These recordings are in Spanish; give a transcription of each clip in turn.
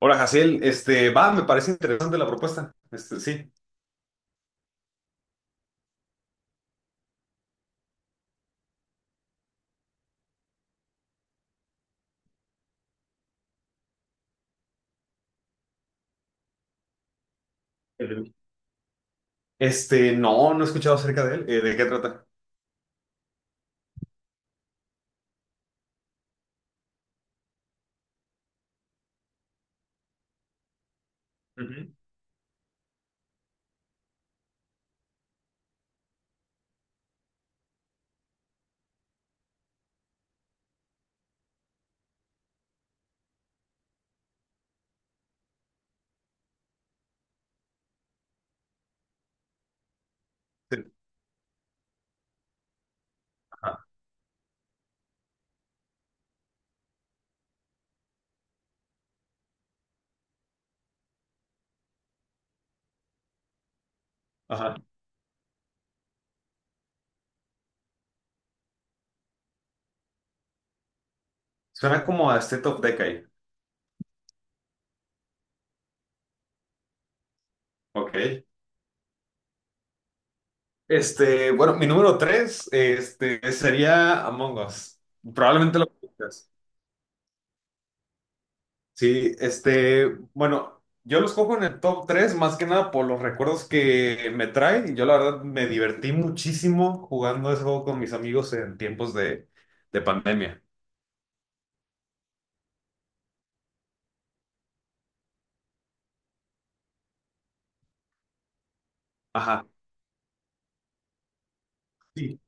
Hola, Jaciel. Me parece interesante la propuesta. Este, sí. El- no, no he escuchado acerca de él. ¿De qué trata? Ujú. Sí. Ajá. Ajá. Suena como a State of Decay. Ok. Bueno, mi número tres, sería Among Us. Probablemente lo conozcas. Sí, bueno, yo los cojo en el top tres más que nada por los recuerdos que me trae. Yo la verdad me divertí muchísimo jugando ese juego con mis amigos en tiempos de pandemia. Ajá. Sí,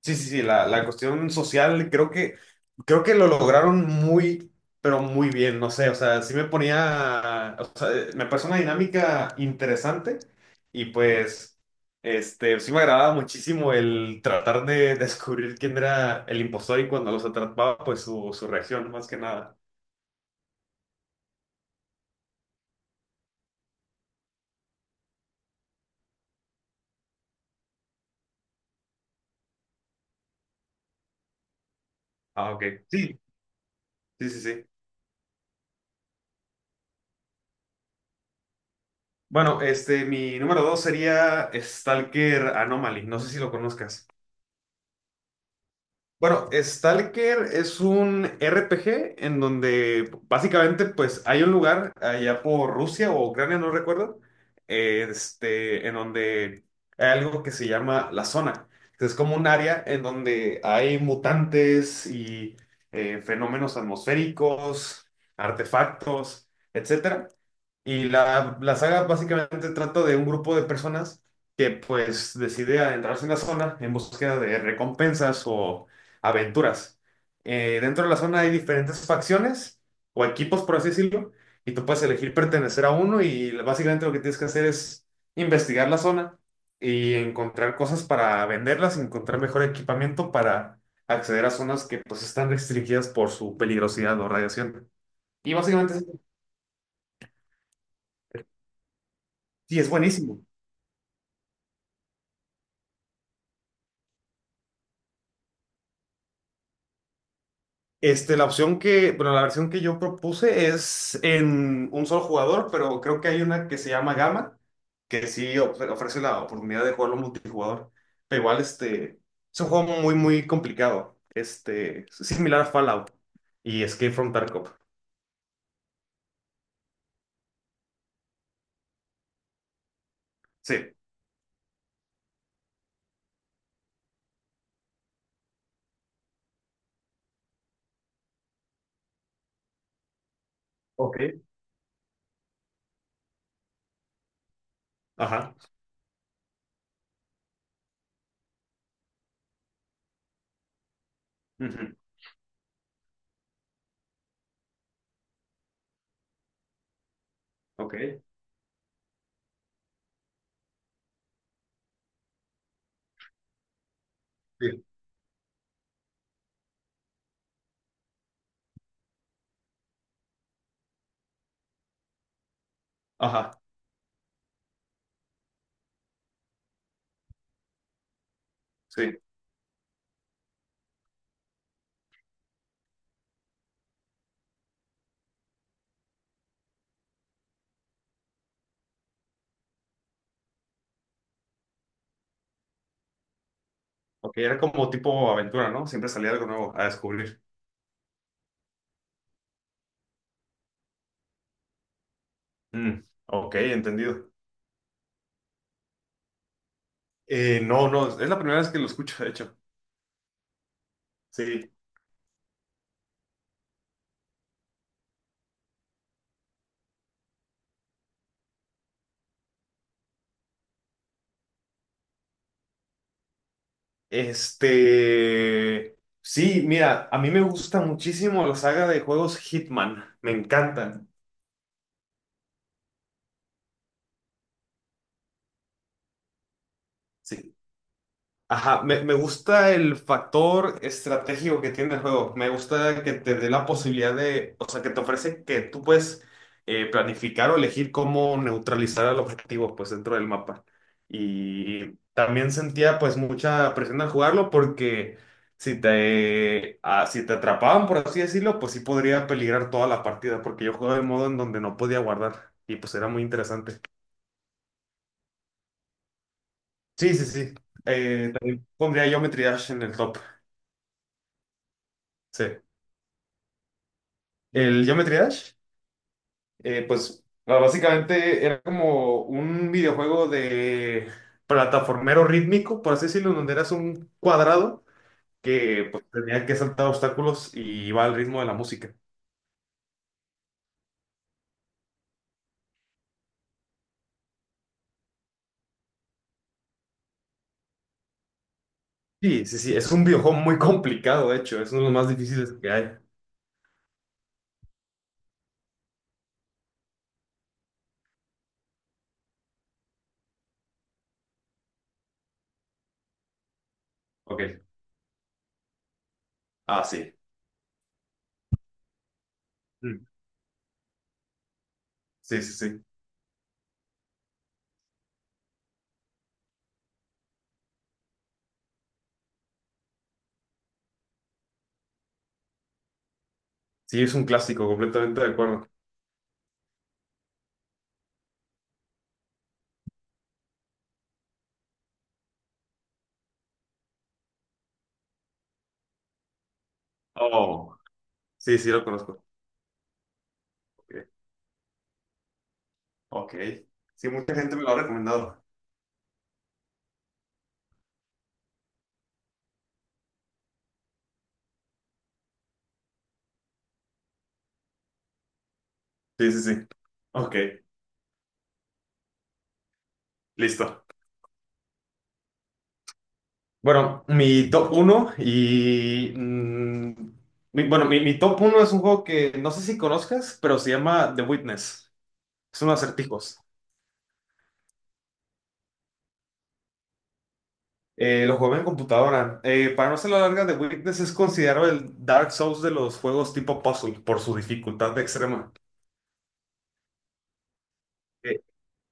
sí, sí, sí, la cuestión social creo que lo lograron pero muy bien, no sé, o sea, sí me ponía, o sea, me pareció una dinámica interesante y pues, sí me agradaba muchísimo el tratar de descubrir quién era el impostor y cuando los atrapaba, pues su reacción, más que nada. Ah, ok. Sí, sí, sí, sí. Bueno, mi número dos sería Stalker Anomaly, no sé si lo conozcas. Bueno, Stalker es un RPG en donde básicamente pues hay un lugar allá por Rusia o Ucrania, no recuerdo, en donde hay algo que se llama la zona. Es como un área en donde hay mutantes y fenómenos atmosféricos, artefactos, etcétera. Y la saga básicamente trata de un grupo de personas que pues decide adentrarse en la zona en búsqueda de recompensas o aventuras. Dentro de la zona hay diferentes facciones o equipos, por así decirlo, y tú puedes elegir pertenecer a uno y básicamente lo que tienes que hacer es investigar la zona y encontrar cosas para venderlas, encontrar mejor equipamiento para acceder a zonas que pues están restringidas por su peligrosidad o radiación. Y básicamente sí, es buenísimo. La opción que, bueno, la versión que yo propuse es en un solo jugador, pero creo que hay una que se llama gamma que ofrece la oportunidad de jugarlo multijugador. Pero igual, es un juego muy, muy complicado. Este, similar a Fallout y Escape from Tarkov. Sí. Ok, ajá. Ujú. Ok. Sí. Ajá. Sí. Ok, era como tipo aventura, ¿no? Siempre salía algo nuevo a descubrir. Mm, ok, entendido. No, no, es la primera vez que lo escucho, de hecho. Sí. Este, sí, mira, a mí me gusta muchísimo la saga de juegos Hitman, me encantan. Sí. Ajá, me gusta el factor estratégico que tiene el juego. Me gusta que te dé la posibilidad de, o sea, que te ofrece que tú puedes planificar o elegir cómo neutralizar al objetivo, pues, dentro del mapa. Y también sentía, pues, mucha presión al jugarlo porque si te atrapaban, por así decirlo, pues sí podría peligrar toda la partida porque yo jugaba de modo en donde no podía guardar y pues era muy interesante. Sí, sí, sí. También pondría yo Dash en el top. Sí. El Geometry Dash, básicamente era como un videojuego de plataformero rítmico, por así decirlo, donde eras un cuadrado que pues, tenía que saltar obstáculos y iba al ritmo de la música. Sí, sí, sí, es un videojuego muy complicado, de hecho, es uno de los más difíciles que hay. Ok, ah, sí. Mm. Sí, sí, sí. Sí, es un clásico, completamente de acuerdo. Oh. Sí, sí, lo conozco. Ok. Ok. Sí, mucha gente me lo ha recomendado. Sí, sí, sí. Ok, listo. Bueno, mi top uno y... mm, mi- bueno, mi top uno es un juego que no sé si conozcas, pero se llama The Witness. Son acertijos. Lo juego en computadora. Para no ser la larga, The Witness es considerado el Dark Souls de los juegos tipo puzzle por su dificultad extrema.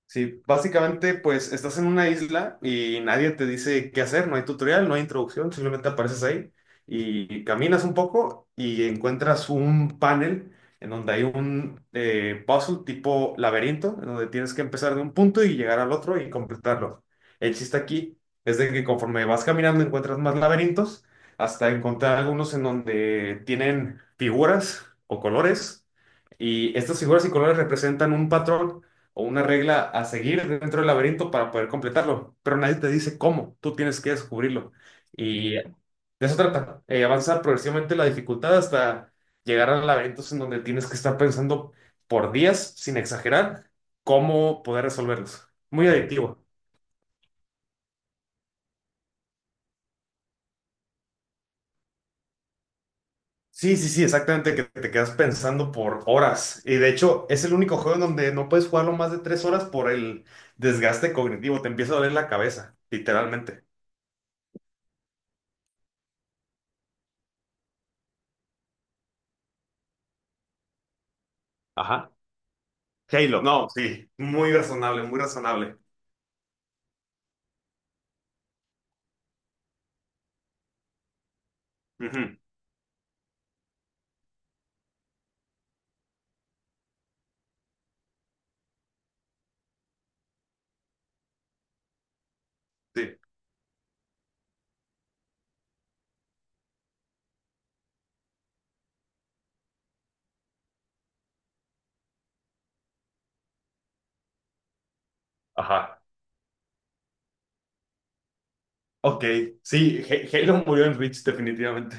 Sí, básicamente, pues estás en una isla y nadie te dice qué hacer, no hay tutorial, no hay introducción, simplemente apareces ahí y caminas un poco y encuentras un panel en donde hay un puzzle tipo laberinto, en donde tienes que empezar de un punto y llegar al otro y completarlo. El chiste aquí es de que conforme vas caminando encuentras más laberintos hasta encontrar algunos en donde tienen figuras o colores. Y estas figuras y colores representan un patrón o una regla a seguir dentro del laberinto para poder completarlo, pero nadie te dice cómo, tú tienes que descubrirlo. Y de eso trata, avanza progresivamente la dificultad hasta llegar a laberintos en donde tienes que estar pensando por días, sin exagerar, cómo poder resolverlos. Muy adictivo. Sí, sí, sí, exactamente, que te quedas pensando por horas. Y de hecho, es el único juego en donde no puedes jugarlo más de tres horas por el desgaste cognitivo. Te empieza a doler la cabeza, literalmente. Ajá. Halo, no, sí, muy razonable, muy razonable. Ujú, sí, ajá. Ok, sí, Halo murió en Reach, definitivamente.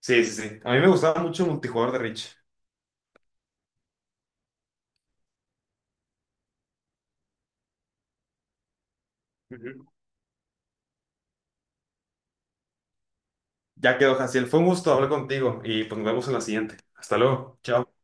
Sí, sí, sí. A mí me gustaba mucho el multijugador de Reach. Ujú. Ya quedó, Jaciel. Fue un gusto hablar contigo y pues nos vemos en la siguiente. Hasta luego. Chao.